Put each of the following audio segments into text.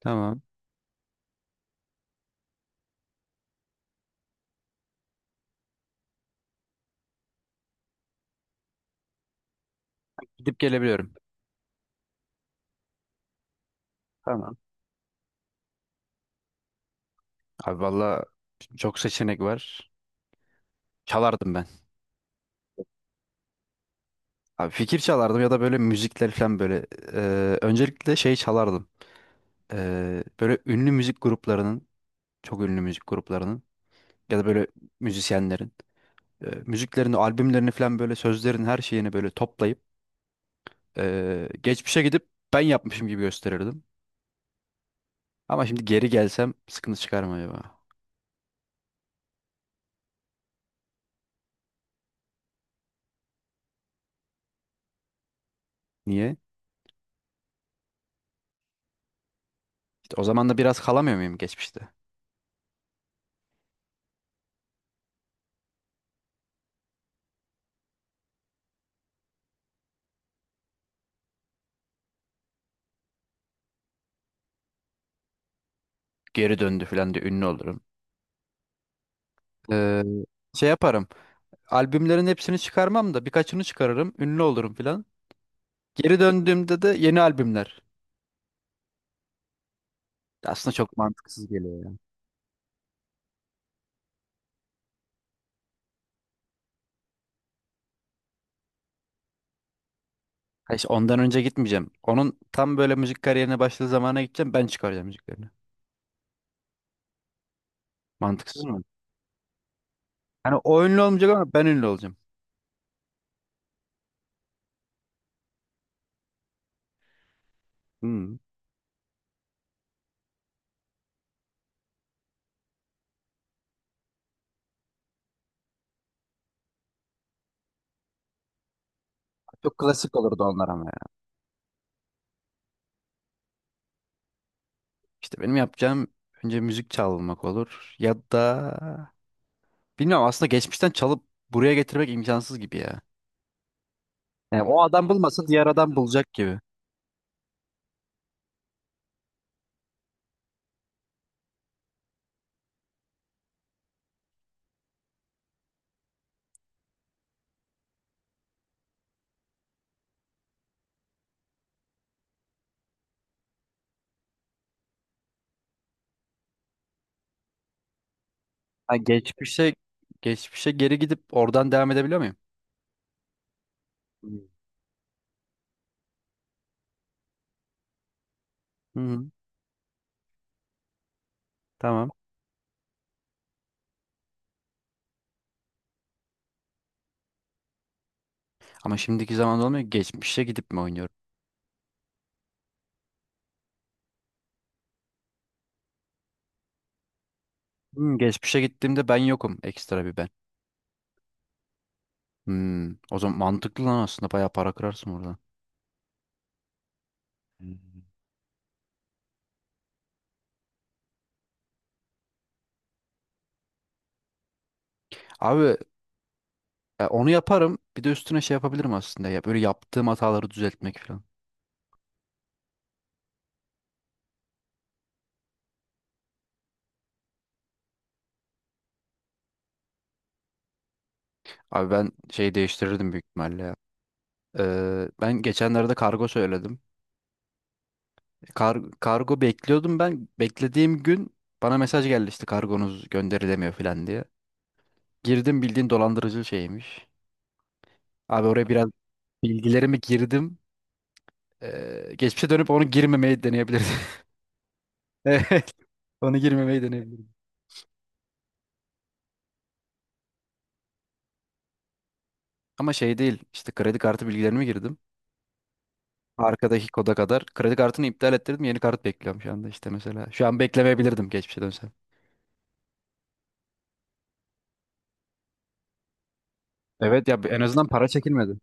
Tamam. Gidip gelebiliyorum. Tamam. Abi valla çok seçenek var. Çalardım ben. Abi fikir çalardım ya da böyle müzikler falan böyle. Öncelikle şey çalardım. Böyle ünlü müzik gruplarının, çok ünlü müzik gruplarının ya da böyle müzisyenlerin müziklerini, albümlerini falan böyle sözlerin her şeyini böyle toplayıp geçmişe gidip ben yapmışım gibi gösterirdim. Ama şimdi geri gelsem sıkıntı çıkar mı acaba? Niye? İşte o zaman da biraz kalamıyor muyum geçmişte? Geri döndü falan diye ünlü olurum. Ee, Şey yaparım. Albümlerin hepsini çıkarmam da birkaçını çıkarırım. Ünlü olurum filan. Geri döndüğümde de yeni albümler. Aslında çok mantıksız geliyor ya. Ha işte ondan önce gitmeyeceğim. Onun tam böyle müzik kariyerine başladığı zamana gideceğim. Ben çıkaracağım müziklerini. Mantıksız mı? Hani o ünlü olmayacak ama ben ünlü olacağım. Hmm. Çok klasik olurdu onlar ama ya. İşte benim yapacağım önce müzik çalmak olur. Ya da bilmiyorum aslında geçmişten çalıp buraya getirmek imkansız gibi ya. Yani o adam bulmasa diğer adam bulacak gibi. Ha, geçmişe geri gidip oradan devam edebiliyor muyum? Hmm. Hı hı. Tamam. Ama şimdiki zamanda olmuyor ki. Geçmişe gidip mi oynuyorum? Hmm, geçmişe gittiğimde ben yokum. Ekstra bir ben. Hmm, o zaman mantıklı lan aslında. Bayağı para kırarsın oradan. Hmm. Abi onu yaparım. Bir de üstüne şey yapabilirim aslında ya. Böyle yaptığım hataları düzeltmek falan. Abi ben şeyi değiştirirdim büyük ihtimalle ya. Ben geçenlerde kargo söyledim. Kargo bekliyordum ben. Beklediğim gün bana mesaj geldi işte kargonuz gönderilemiyor falan diye. Girdim bildiğin dolandırıcı şeymiş. Abi oraya biraz bilgilerimi girdim. Geçmişe dönüp onu girmemeyi deneyebilirdim. Evet, onu girmemeyi deneyebilirdim. Ama şey değil işte kredi kartı bilgilerimi girdim. Arkadaki koda kadar kredi kartını iptal ettirdim, yeni kart bekliyorum şu anda işte mesela. Şu an beklemeyebilirdim geçmişe dönsem. Evet ya, en azından para çekilmedi.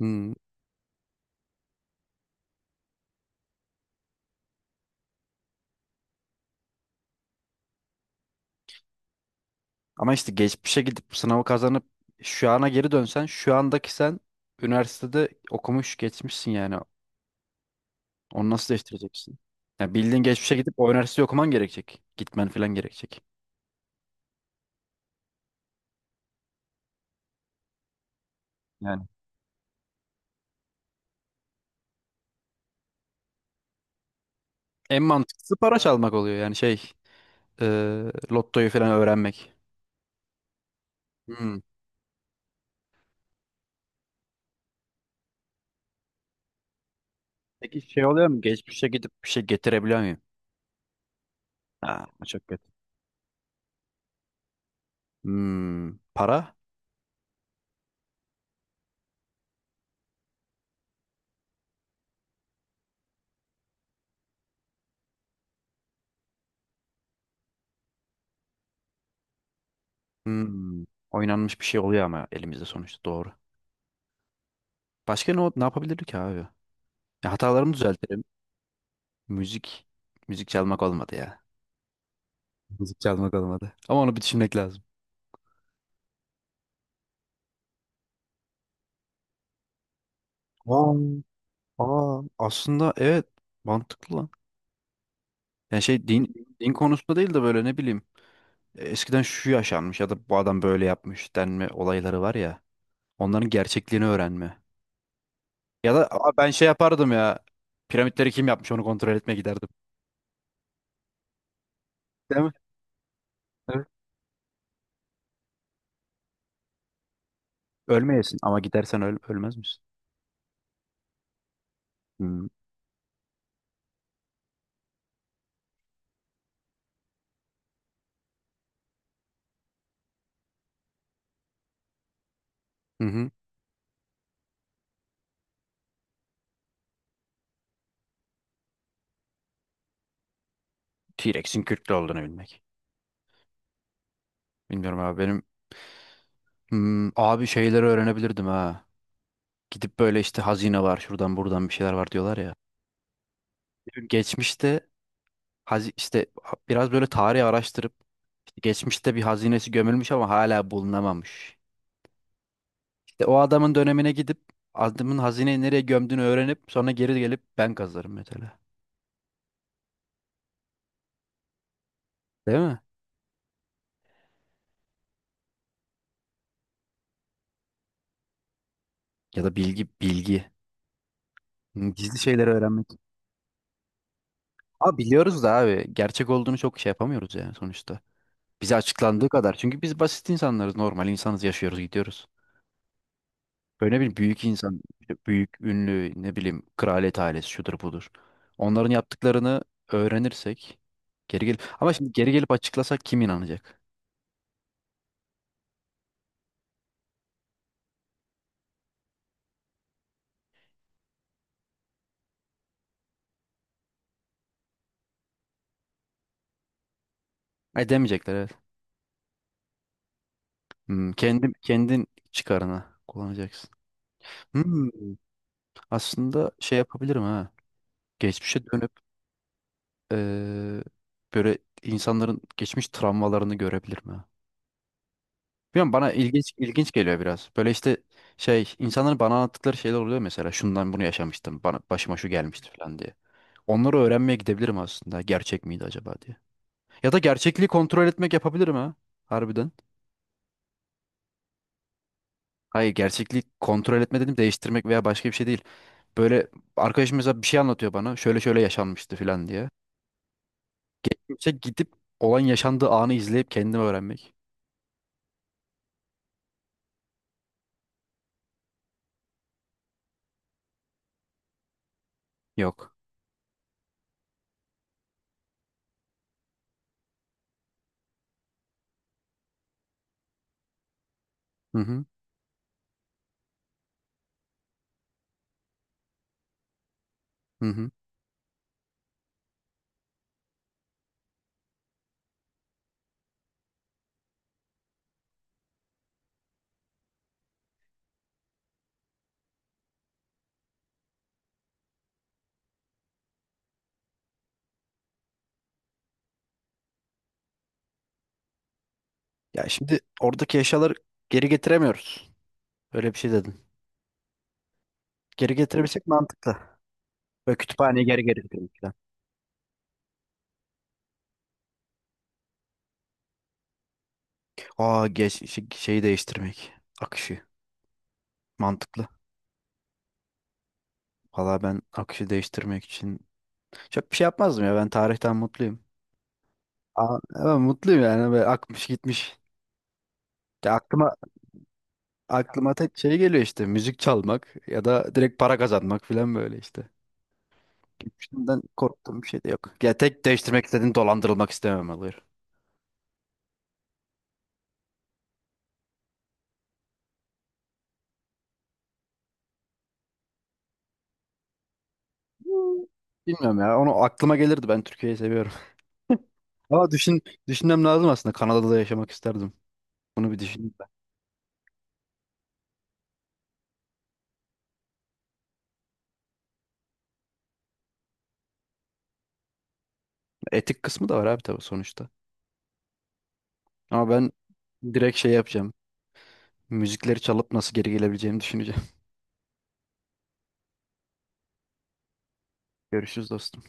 Hmm. Ama işte geçmişe gidip bu sınavı kazanıp şu ana geri dönsen şu andaki sen üniversitede okumuş geçmişsin yani. Onu nasıl değiştireceksin? Yani bildiğin geçmişe gidip o üniversiteyi okuman gerekecek. Gitmen falan gerekecek. Yani en mantıklısı para çalmak oluyor yani şey, e, lottoyu falan öğrenmek. Hmm. Peki şey oluyor mu? Geçmişe gidip bir şey getirebiliyor muyum? Ha, bu çok kötü. Hmm. Para? Hmm. Oynanmış bir şey oluyor ama elimizde sonuçta, doğru. Başka ne, ne yapabilirdik ki abi? Ya hatalarımı düzeltirim. Müzik müzik çalmak olmadı ya. Müzik çalmak olmadı. Ama onu bir düşünmek lazım. Aa, aa, aslında evet mantıklı lan. Yani şey din konusunda değil de böyle ne bileyim eskiden şu yaşanmış ya da bu adam böyle yapmış denme olayları var ya. Onların gerçekliğini öğrenme. Ya da aa, ben şey yapardım ya. Piramitleri kim yapmış onu kontrol etmeye giderdim. Değil mi? Evet. Ölmeyesin ama gidersen öl ölmez misin? Hmm. Hı hı. T-Rex'in Kürtlü olduğunu bilmek. Bilmiyorum abi benim, hmm, abi şeyleri öğrenebilirdim ha. Gidip böyle işte hazine var şuradan buradan bir şeyler var diyorlar ya. Geçmişte işte biraz böyle tarihi araştırıp işte geçmişte bir hazinesi gömülmüş ama hala bulunamamış. İşte o adamın dönemine gidip adamın hazineyi nereye gömdüğünü öğrenip sonra geri gelip ben kazarım mesela. Değil mi? Ya da bilgi. Hı, gizli şeyleri öğrenmek. Ama biliyoruz da abi gerçek olduğunu çok şey yapamıyoruz yani sonuçta. Bize açıklandığı kadar. Çünkü biz basit insanlarız, normal insanız, yaşıyoruz, gidiyoruz. Öyle bir büyük insan, işte büyük ünlü ne bileyim kraliyet ailesi şudur budur. Onların yaptıklarını öğrenirsek geri gelip, ama şimdi geri gelip açıklasak kim inanacak? E demeyecekler, evet. Hmm, kendin çıkarına kullanacaksın. Hmm, aslında şey yapabilirim ha. Geçmişe dönüp eee, böyle insanların geçmiş travmalarını görebilirim ha. Bilmiyorum, bana ilginç geliyor biraz. Böyle işte şey, insanların bana anlattıkları şeyler oluyor mesela şundan bunu yaşamıştım, bana başıma şu gelmişti falan diye. Onları öğrenmeye gidebilirim aslında gerçek miydi acaba diye. Ya da gerçekliği kontrol etmek yapabilirim ha, harbiden. Hayır, gerçekliği kontrol etme dedim, değiştirmek veya başka bir şey değil. Böyle arkadaşım mesela bir şey anlatıyor bana, şöyle şöyle yaşanmıştı falan diye. Geçmişe gidip olan yaşandığı anı izleyip kendimi öğrenmek. Yok. Hı hı. Hı hı. Ya şimdi oradaki eşyaları geri getiremiyoruz. Öyle bir şey dedin. Geri getirebilsek mantıklı. Böyle kütüphaneyi geri getirmek falan. Aa geç, şeyi değiştirmek. Akışı. Mantıklı. Valla ben akışı değiştirmek için çok bir şey yapmazdım ya. Ben tarihten mutluyum. Aa, ben mutluyum yani. Böyle akmış gitmiş. Ya aklıma, tek şey geliyor işte. Müzik çalmak ya da direkt para kazanmak falan böyle işte. Geçmişimden korktuğum bir şey de yok. Ya tek değiştirmek istediğim dolandırılmak istemem olur. Bilmiyorum ya. Onu aklıma gelirdi. Ben Türkiye'yi seviyorum. Ama düşün, düşünmem lazım aslında. Kanada'da da yaşamak isterdim. Bunu bir düşüneyim ben. Etik kısmı da var abi, tabii, sonuçta. Ama ben direkt şey yapacağım. Müzikleri çalıp nasıl geri gelebileceğimi düşüneceğim. Görüşürüz dostum.